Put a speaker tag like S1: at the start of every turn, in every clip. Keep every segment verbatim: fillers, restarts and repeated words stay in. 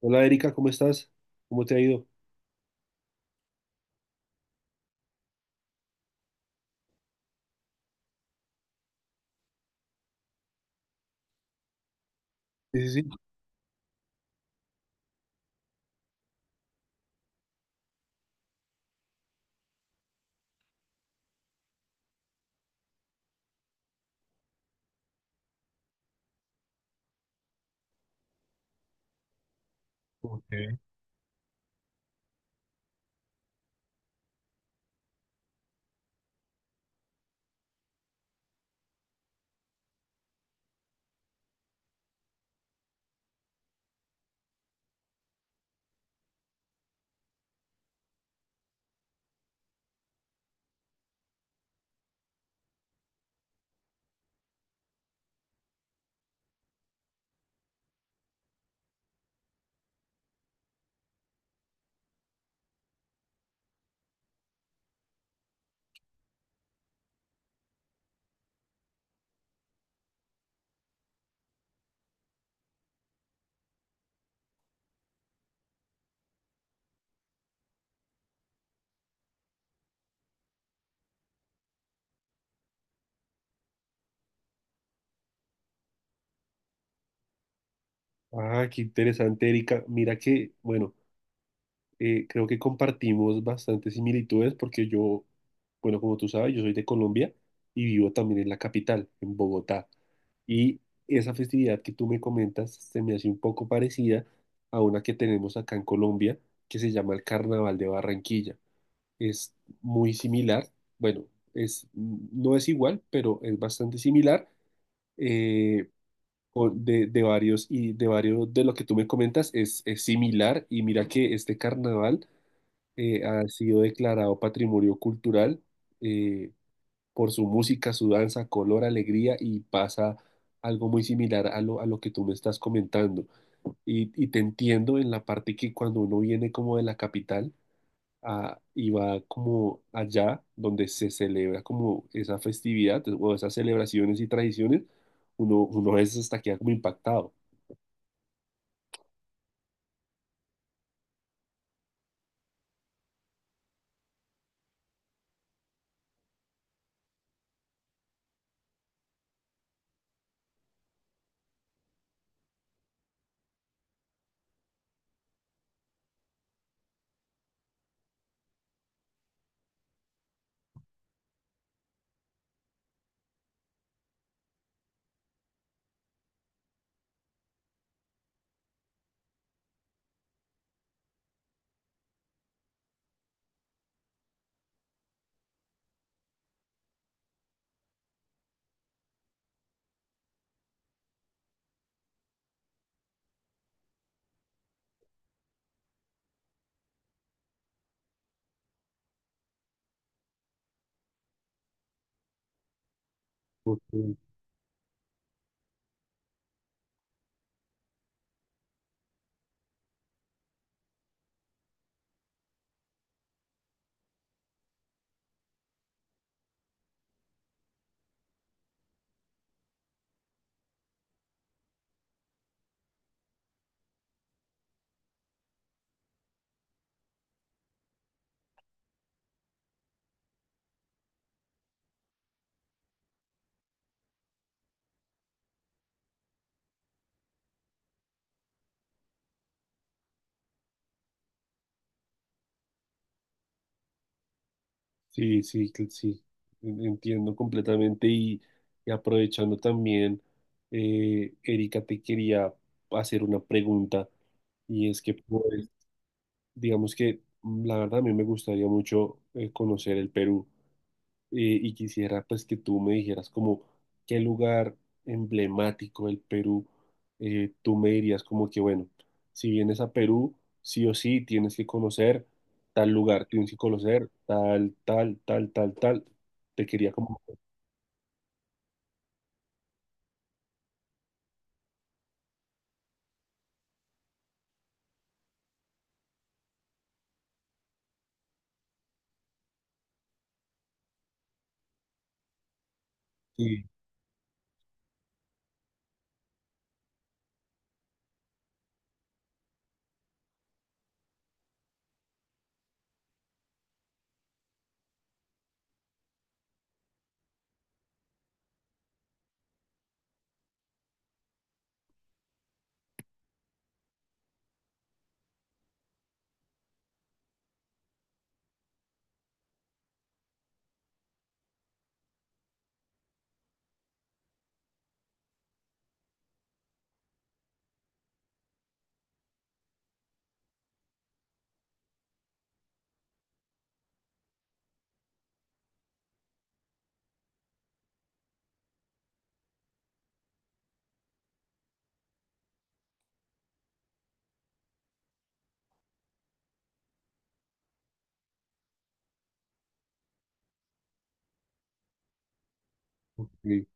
S1: Hola Erika, ¿cómo estás? ¿Cómo te ha ido? Sí, sí, sí. Ok. Ah, qué interesante Erika. Mira que, bueno, eh, creo que compartimos bastantes similitudes porque yo, bueno, como tú sabes, yo soy de Colombia y vivo también en la capital, en Bogotá. Y esa festividad que tú me comentas se me hace un poco parecida a una que tenemos acá en Colombia, que se llama el Carnaval de Barranquilla. Es muy similar, bueno, es, no es igual, pero es bastante similar. Eh, o de, de varios y de varios de lo que tú me comentas es, es similar y mira que este carnaval eh, ha sido declarado patrimonio cultural eh, por su música, su danza, color, alegría y pasa algo muy similar a lo, a lo que tú me estás comentando. Y, y te entiendo en la parte que cuando uno viene como de la capital a- y va como allá donde se celebra como esa festividad o esas celebraciones y tradiciones, uno, uno a veces hasta queda como impactado. Ok. Sí, sí, cl- sí, en- entiendo completamente y, y aprovechando también, eh, Erika, te quería hacer una pregunta y es que, pues, digamos que mm, la verdad a mí me gustaría mucho eh, conocer el Perú. eh, y quisiera pues que tú me dijeras como qué lugar emblemático del Perú, eh, tú me dirías como que bueno, si vienes a Perú, sí o sí tienes que conocer tal lugar, tienes que conocer tal, tal, tal, tal, tal. Te quería como... Sí, ok,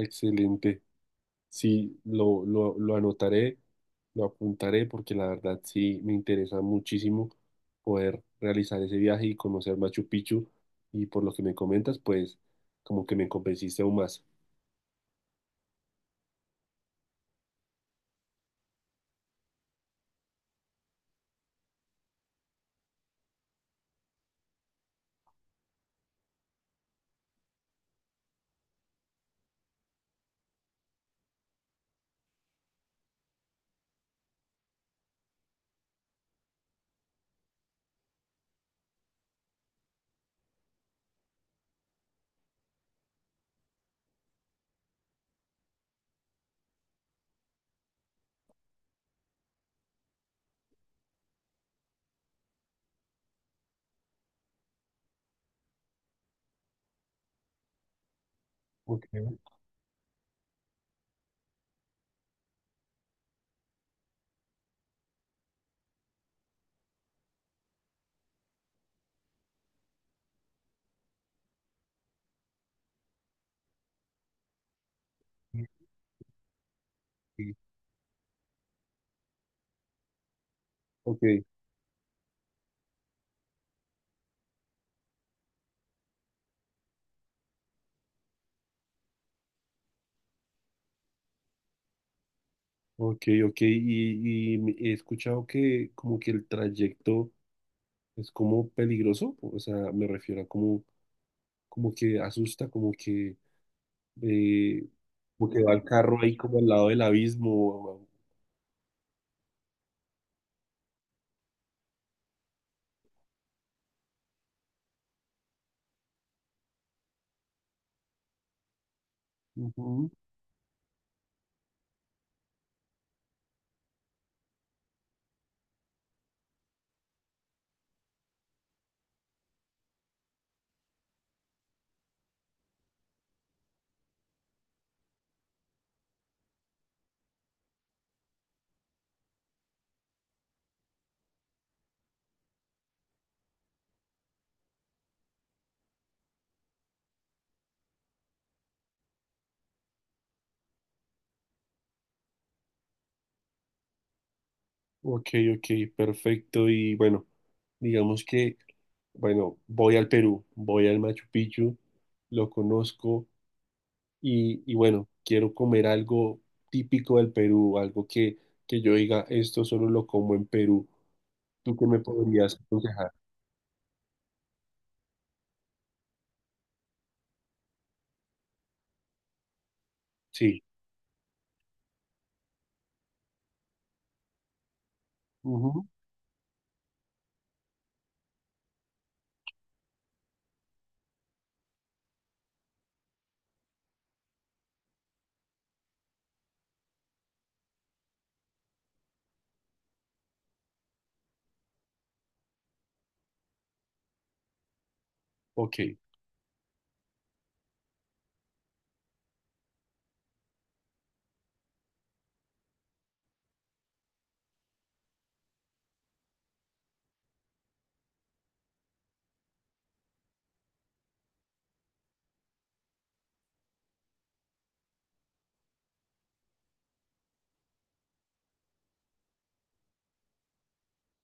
S1: excelente. Sí, lo, lo, lo anotaré, lo apuntaré porque la verdad sí me interesa muchísimo poder realizar ese viaje y conocer Machu Picchu, y por lo que me comentas, pues como que me convenciste aún más. Ok, ok. Ok, ok, ok. Y, y me- he escuchado que como que el trayecto es como peligroso, o sea, me refiero a como, como que asusta, como que, eh, como que va el carro ahí como al lado del abismo. Ujú. Ok, ok, perfecto. Y bueno, digamos que, bueno, voy al Perú, voy al Machu Picchu, lo conozco y, y bueno, quiero comer algo típico del Perú, algo que, que yo diga, esto solo lo como en Perú. ¿Tú qué me podrías aconsejar? Sí. Ujú. Ok.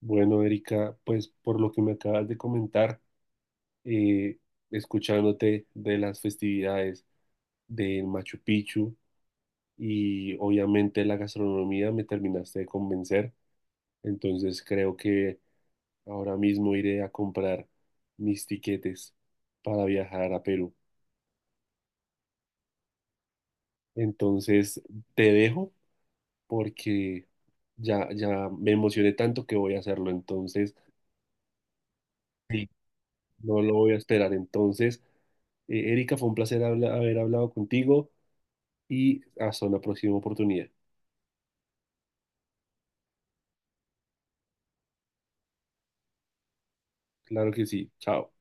S1: Bueno, Erika, pues por lo que me acabas de comentar, eh, escuchándote de las festividades del Machu Picchu, y obviamente la gastronomía, me terminaste de convencer, entonces creo que ahora mismo iré a comprar mis tiquetes para viajar a Perú. Entonces te dejo porque ya, ya me emocioné tanto que voy a hacerlo, entonces sí, no lo voy a esperar. Entonces, eh, Erika, fue un placer habla- haber hablado contigo y hasta una próxima oportunidad. Claro que sí, chao.